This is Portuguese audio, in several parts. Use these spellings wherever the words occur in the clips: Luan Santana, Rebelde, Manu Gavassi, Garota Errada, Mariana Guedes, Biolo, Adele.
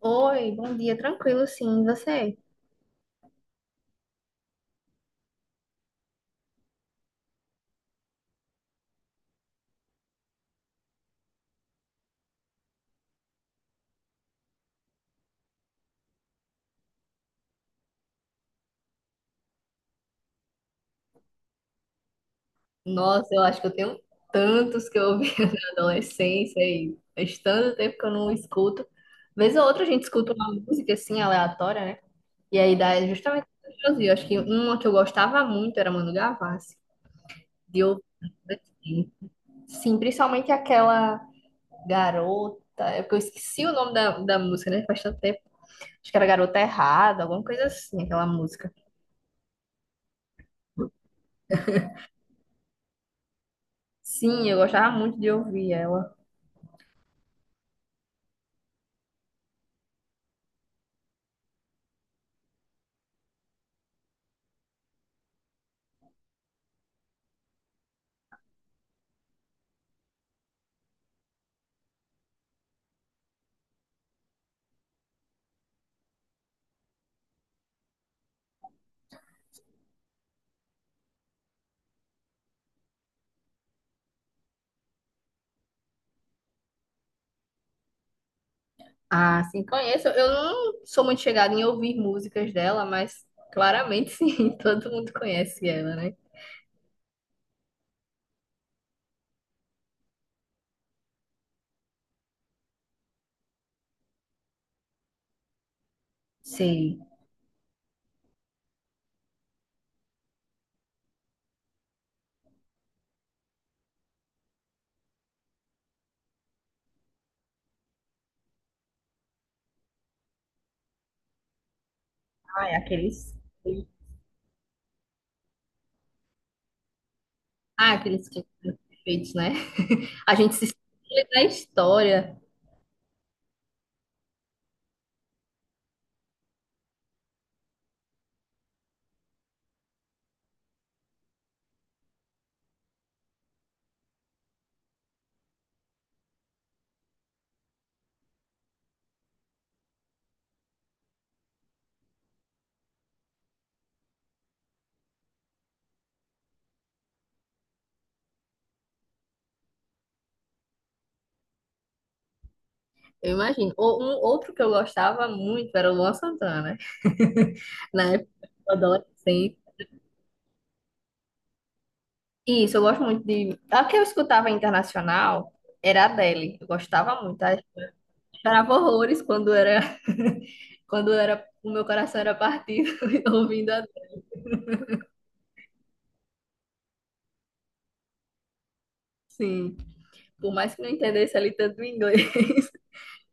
Oi, bom dia, tranquilo, sim, e você? Nossa, eu acho que eu tenho tantos que eu ouvi na adolescência e faz tanto tempo que eu não escuto. Vez ou outra a gente escuta uma música assim, aleatória, né? E aí dá justamente o que eu ouvi. Eu acho que uma que eu gostava muito era Manu Gavassi, de ouvir. Assim. Sim, principalmente aquela garota. É porque eu esqueci o nome da música, né? Faz tanto tempo. Acho que era Garota Errada, alguma coisa assim, aquela música. Sim, eu gostava muito de ouvir ela. Ah, sim, conheço. Eu não sou muito chegada em ouvir músicas dela, mas claramente sim, todo mundo conhece ela, né? Sei. Ah, é aqueles. Ah, aqueles clipes perfeitos, né? A gente se espelha na história, eu imagino. Ou um outro que eu gostava muito era o Luan Santana, né? Na época do adolescente. Isso, eu gosto muito de. A que eu escutava internacional era a Adele. Eu gostava muito. Eu chorava horrores quando era, quando era, o meu coração era partido ouvindo a. Sim, por mais que não entendesse ali tanto o inglês,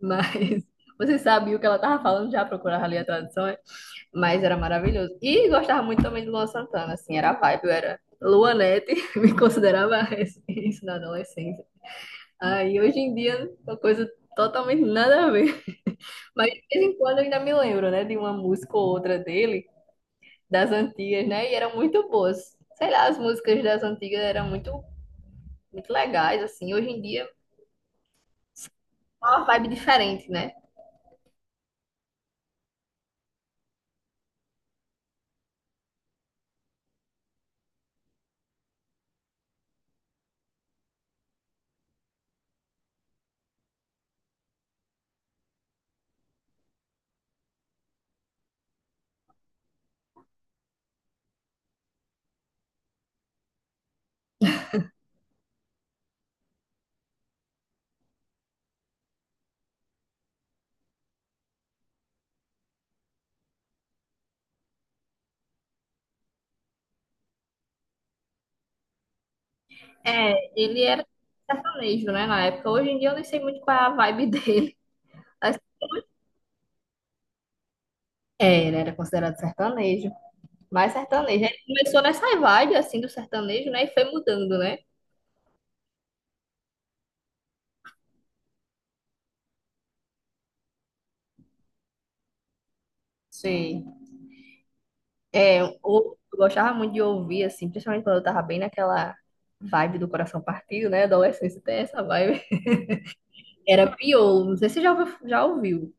mas você sabia o que ela tava falando, já procurava ali a tradução, é? Mas era maravilhoso. E gostava muito também de Luan Santana, assim, era a vibe, eu era Luanete, me considerava isso na adolescência. Aí hoje em dia, uma coisa totalmente nada a ver. Mas de vez em quando eu ainda me lembro, né, de uma música ou outra dele, das antigas, né, e eram muito boas. Sei lá, as músicas das antigas eram muito, muito legais, assim, hoje em dia. É uma vibe diferente, né? É, ele era sertanejo, né, na época. Hoje em dia eu nem sei muito qual é a vibe dele. Mas, é, ele era considerado sertanejo. Mas sertanejo. Ele começou nessa vibe, assim, do sertanejo, né? E foi mudando, né? Sim. É, eu gostava muito de ouvir, assim, principalmente quando eu tava bem naquela vibe do coração partido, né? Adolescência tem essa vibe. Era Piolo. Não sei se você já ouviu, já ouviu.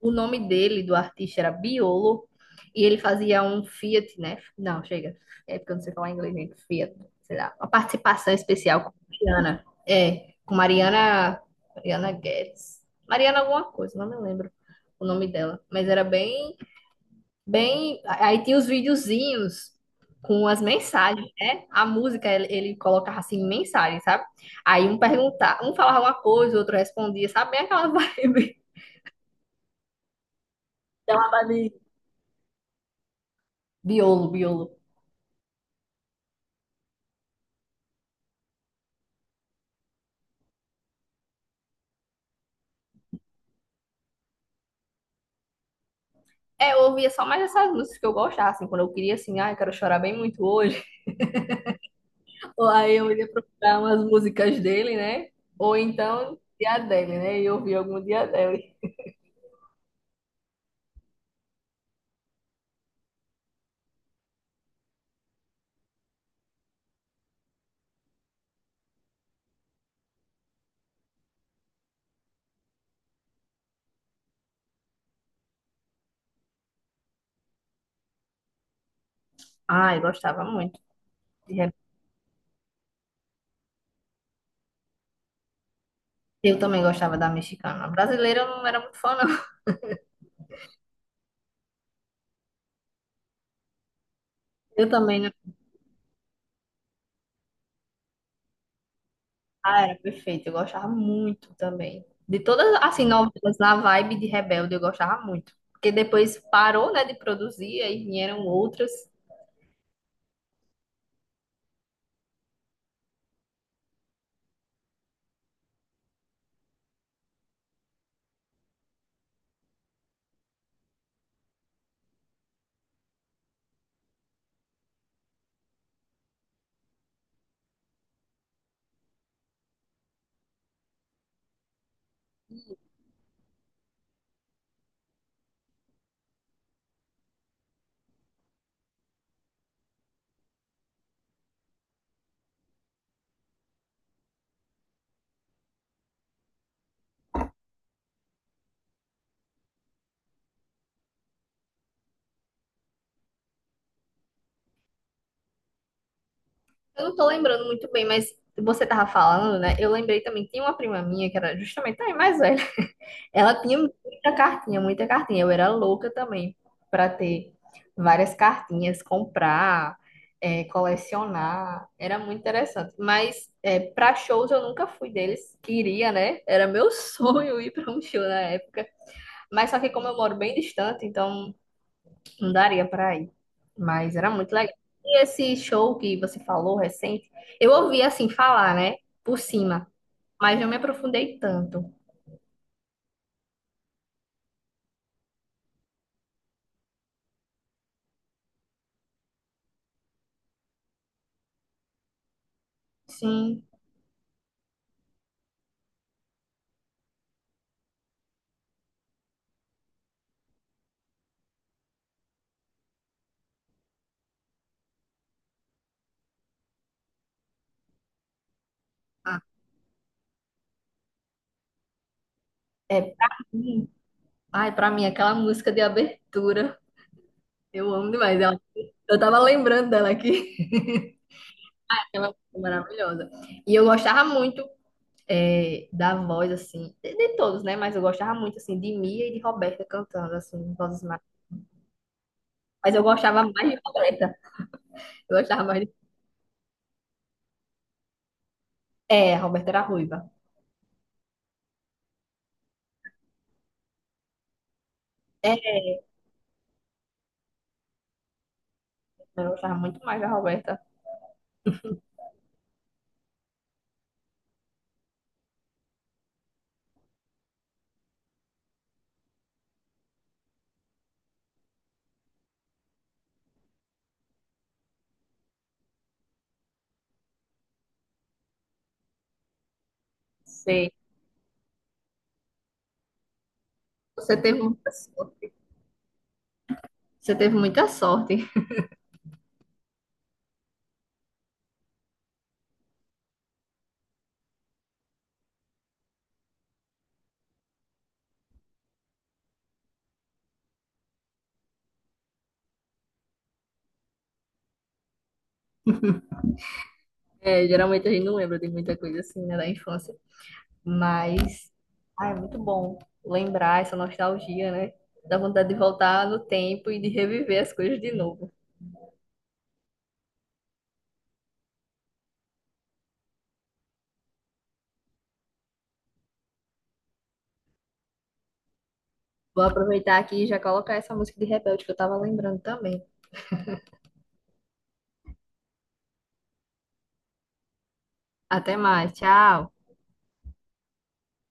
O nome dele, do artista, era Biolo, e ele fazia um Fiat, né? Não, chega. É porque eu não sei falar inglês, gente. Fiat, sei lá. Uma participação especial com Mariana. É, com Mariana. Mariana Guedes. Mariana alguma coisa, não me lembro o nome dela. Mas era bem, bem. Aí tinha os videozinhos com as mensagens, né? A música, ele colocava assim, mensagens, sabe? Aí um perguntava, um falava uma coisa, o outro respondia, sabe? Bem aquela vibe. Aquela vibe. Biolo, biolo. É, eu ouvia só mais essas músicas que eu gostava, assim, quando eu queria, assim, ah, eu quero chorar bem muito hoje. Ou aí eu ia procurar umas músicas dele, né? Ou então, dia dele, né? E eu ouvia algum dia dele. Ah, eu gostava muito. De rap. Eu também gostava da mexicana. A Brasileira eu não era muito fã, não. Eu também não. Ah, era perfeito. Eu gostava muito também. De todas, assim, novelas na vibe de Rebelde, eu gostava muito. Porque depois parou, né, de produzir, aí vieram outras. Eu não tô lembrando muito bem, mas você tava falando, né? Eu lembrei também, tinha uma prima minha que era justamente também mais velha. Ela tinha muita cartinha, muita cartinha. Eu era louca também pra ter várias cartinhas, comprar, é, colecionar. Era muito interessante. Mas é, para shows eu nunca fui deles. Queria, né? Era meu sonho ir pra um show na época. Mas só que como eu moro bem distante, então não daria pra ir. Mas era muito legal. E esse show que você falou recente, eu ouvi assim falar, né? Por cima. Mas não me aprofundei tanto. Sim. Ah, é pra mim. Ai, pra mim, aquela música de abertura. Eu amo demais ela. Eu tava lembrando dela aqui. Aquela música maravilhosa. E eu gostava muito é, da voz, assim, de todos, né? Mas eu gostava muito, assim, de Mia e de Roberta cantando, assim, vozes mais. Mas eu gostava mais de Roberta. Eu gostava mais. É, a Roberta era ruiva. É, eu gostava muito mais da Roberta. Sei. Você teve muita sorte. Você teve muita sorte. É, geralmente a gente não lembra de muita coisa assim, né, da infância. Mas, ah, é muito bom lembrar essa nostalgia, né? Dá vontade de voltar no tempo e de reviver as coisas de novo. Vou aproveitar aqui e já colocar essa música de Rebelde que eu tava lembrando também. Até mais, tchau!